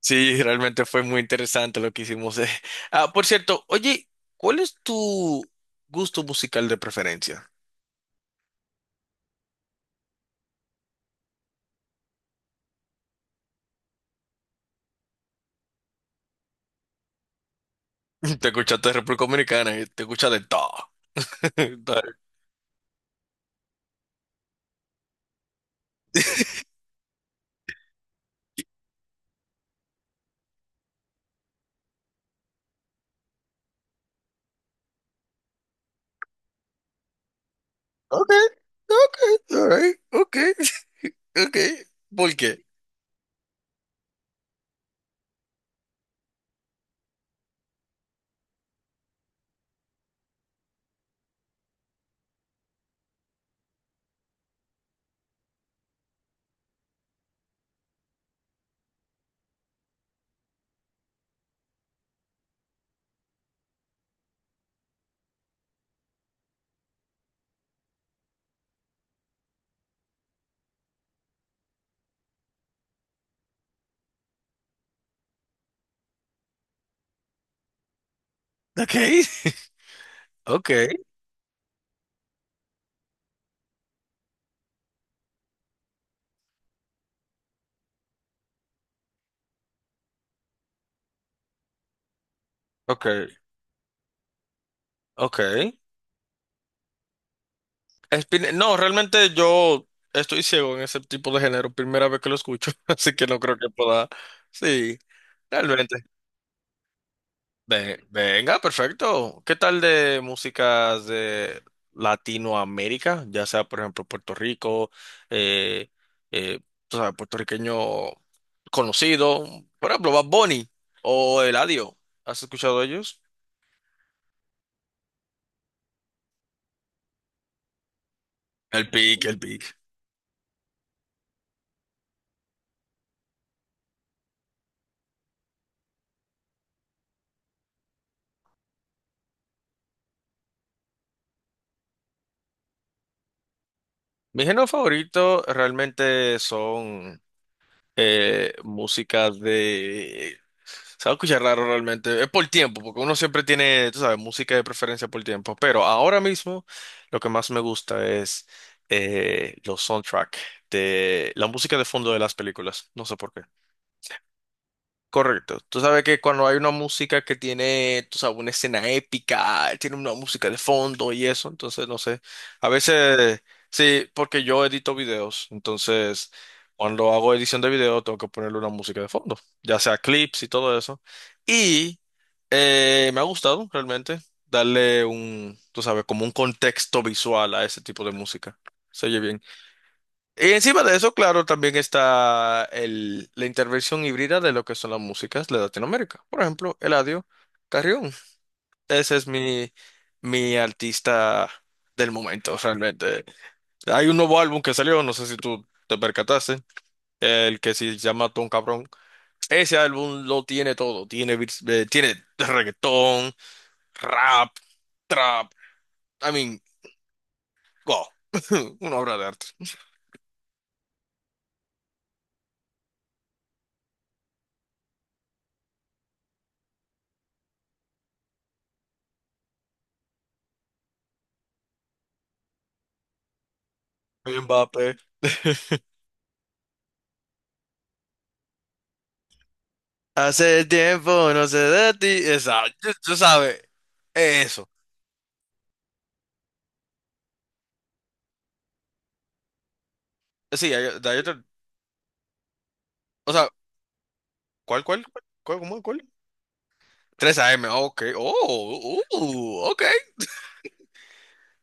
Sí, realmente fue muy interesante lo que hicimos. Ah, por cierto, oye, ¿cuál es tu gusto musical de preferencia? Te escuchaste de República Dominicana y te escuchas de todo. Dale. Ok, ok, all right, ok, ok. ¿Por qué? Ok, ok, ok, ok. No, realmente yo estoy ciego en ese tipo de género, primera vez que lo escucho, así que no creo que pueda. Sí, realmente. Venga, perfecto. ¿Qué tal de músicas de Latinoamérica? Ya sea, por ejemplo, Puerto Rico, eh, eh, tú sabes, puertorriqueño conocido, por ejemplo, Bad Bunny o Eladio. ¿Has escuchado de ellos? El pic, el pic. Mi género favorito realmente son música de... Se va a escuchar raro realmente. Es por tiempo, porque uno siempre tiene, tú sabes, música de preferencia por tiempo. Pero ahora mismo lo que más me gusta es los soundtrack de la música de fondo de las películas. No sé por qué. Correcto. Tú sabes que cuando hay una música que tiene, tú sabes, una escena épica, tiene una música de fondo y eso, entonces no sé. A veces, sí, porque yo edito videos, entonces cuando hago edición de video tengo que ponerle una música de fondo, ya sea clips y todo eso. Y me ha gustado realmente darle un, tú sabes, como un contexto visual a ese tipo de música. Se oye bien. Y encima de eso, claro, también está la intervención híbrida de lo que son las músicas de Latinoamérica. Por ejemplo, Eladio Carrión. Ese es mi artista del momento, realmente. Hay un nuevo álbum que salió, no sé si tú te percataste, el que se llama Ton Cabrón. Ese álbum lo tiene todo. Tiene, tiene reggaetón, rap, trap. I mean, wow. Una obra de arte. Mbappé. Hace tiempo, no sé de ti. Esa, tú sabes. Eso. Sí, hay otro. O sea, ¿cuál? ¿Cuál? 3 AM, ok. Oh, ok.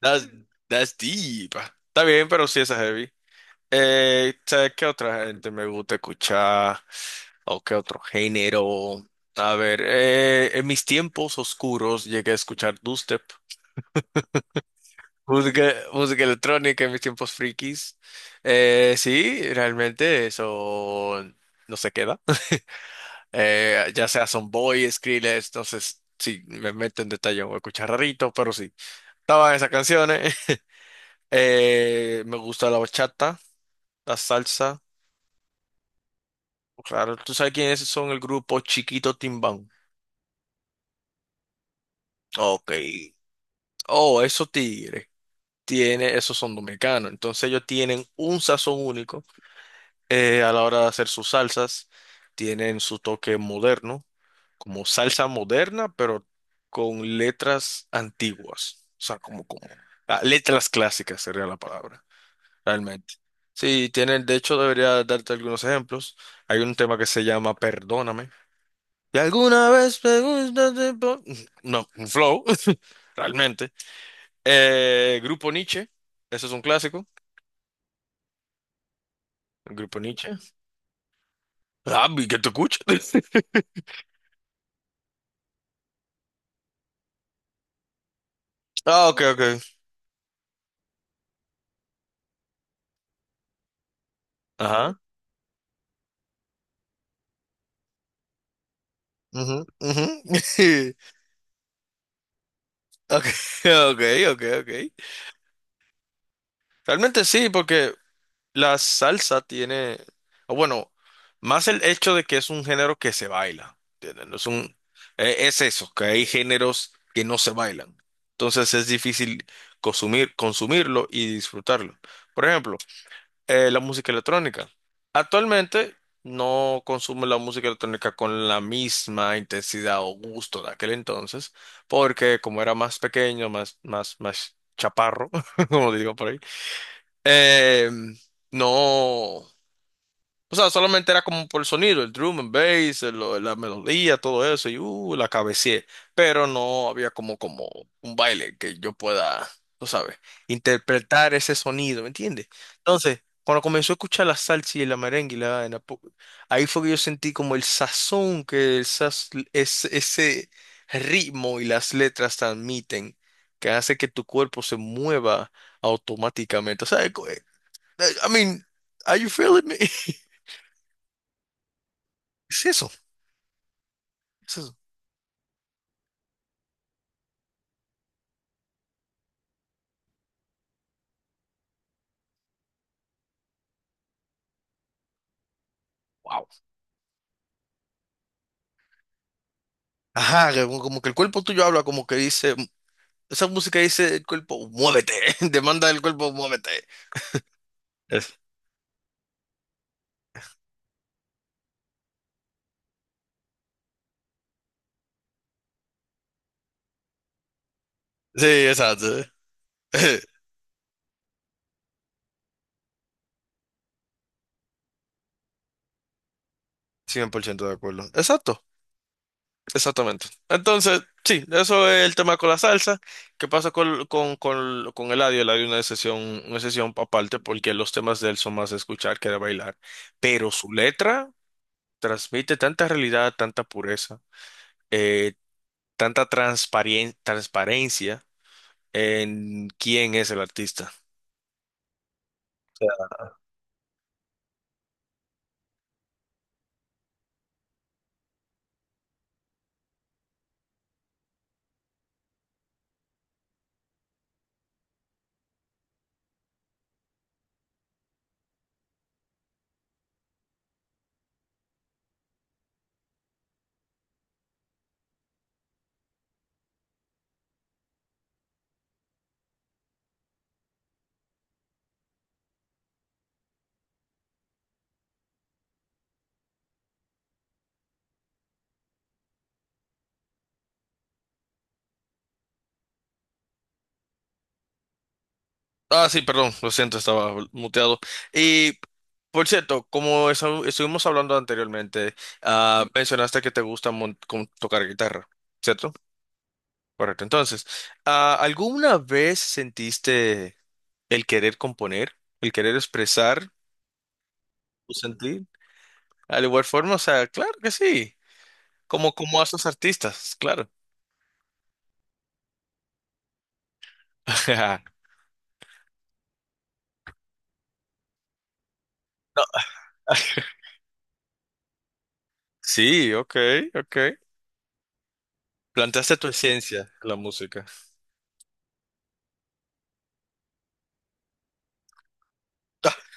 That's, that's deep. Está bien, pero sí, esa es heavy. ¿Sabes qué otra gente me gusta escuchar? ¿O qué otro género? A ver, en mis tiempos oscuros llegué a escuchar dubstep. Música, música electrónica en mis tiempos frikis. Sí, realmente eso no se queda. Ya sea son boy Skrillex, entonces sí, me meto en detalle, voy a escuchar rarito, pero sí. Estaban esas canciones. Me gusta la bachata, la salsa. Claro, ¿tú sabes quiénes son el grupo Chiquito Timbán? Ok. Oh, esos tigres. Tiene, esos son dominicanos. Entonces ellos tienen un sazón único a la hora de hacer sus salsas, tienen su toque moderno, como salsa moderna, pero con letras antiguas, o sea, como ah, letras clásicas sería la palabra, realmente. Sí, tienen, de hecho, debería darte algunos ejemplos. Hay un tema que se llama Perdóname. Y alguna vez no, un flow, realmente. Grupo Nietzsche, ese es un clásico. El Grupo Nietzsche. Ah, vi que te escucho. Ah, ok, ok. Ajá. Ujú, ujú. Ok, ok, ok, ok. Realmente sí, porque la salsa tiene, o bueno, más el hecho de que es un género que se baila, ¿entiendes? No es un, es eso, que hay géneros que no se bailan. Entonces es difícil consumirlo y disfrutarlo. Por ejemplo, la música electrónica. Actualmente no consumo la música electrónica con la misma intensidad o gusto de aquel entonces, porque como era más pequeño, más chaparro, como digo por ahí, eh, no. O sea, solamente era como por el sonido, el drum and bass, la melodía, todo eso, y la cabeceé. Pero no había como un baile que yo pueda, tú sabes, interpretar ese sonido, ¿me entiendes? Entonces, cuando comenzó a escuchar la salsa y la merengue, y ahí fue que yo sentí como el sazón que ese ritmo y las letras transmiten, que hace que tu cuerpo se mueva automáticamente. O sea, I mean, are you feeling me? Es eso, es eso. Wow. Ajá, que como que el cuerpo tuyo habla, como que dice, esa música dice el cuerpo, muévete, demanda del cuerpo, muévete. Es- Sí, exacto. 100% de acuerdo. Exacto, exactamente. Entonces, sí, eso es el tema con la salsa. ¿Qué pasa con Eladio? Eladio es una sesión aparte porque los temas de él son más de escuchar que de bailar. Pero su letra transmite tanta realidad, tanta pureza, eh, transparencia en quién es el artista. Ah, sí, perdón, lo siento, estaba muteado. Y por cierto, como estuvimos hablando anteriormente, mencionaste que te gusta tocar guitarra, ¿cierto? Correcto. Entonces, ah, ¿alguna vez sentiste el querer componer, el querer expresar tu sentir? Al igual forma, o sea, claro que sí, como a esos artistas, claro. Sí, ok, ok. Plantaste tu esencia en la música.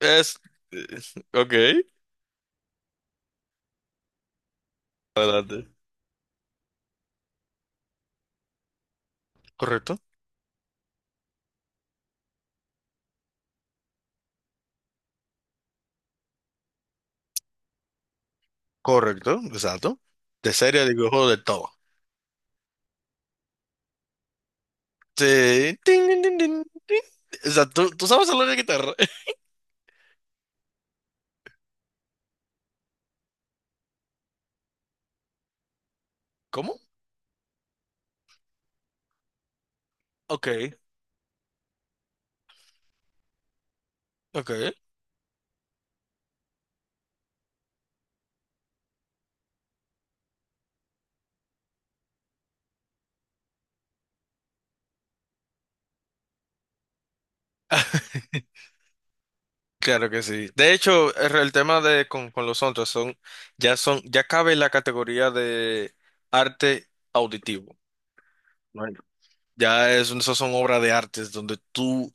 Es. eh, Ok, adelante. Correcto, correcto, exacto. De serie, de videojuego, de todo. Sí. Tin, tin, tin, tin, tin. O sea, ¿tú sabes hablar de guitarra? ¿Cómo? Ok, ok. Claro que sí. De hecho, el tema de con los otros son, ya cabe en la categoría de arte auditivo. Bueno. Ya es, esas son obras de artes donde tú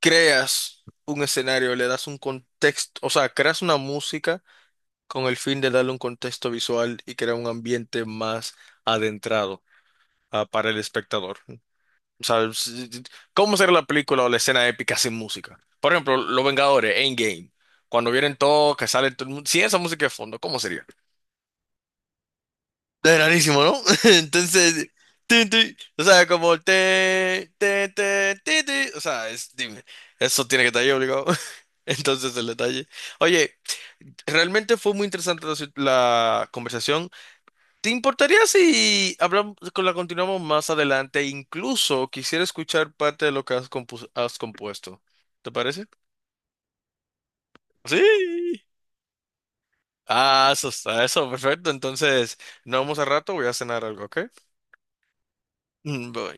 creas un escenario, le das un contexto, o sea, creas una música con el fin de darle un contexto visual y crear un ambiente más adentrado para el espectador. O sea, ¿cómo será la película o la escena épica sin música? Por ejemplo, Los Vengadores, Endgame. Cuando vienen todos, que sale todo el mundo, sin esa música de fondo, ¿cómo sería? Es rarísimo, ¿no? Entonces, tin, tin, o sea, como te, ti, ti, o sea, dime, eso tiene que estar ahí obligado. Entonces, el detalle. Oye, realmente fue muy interesante la conversación. ¿Te importaría si hablamos, continuamos más adelante? Incluso quisiera escuchar parte de lo que has compuesto. ¿Te parece? Sí. Ah, eso está, eso, perfecto. Entonces, nos vemos al rato, voy a cenar algo, ¿ok? Mm, bye.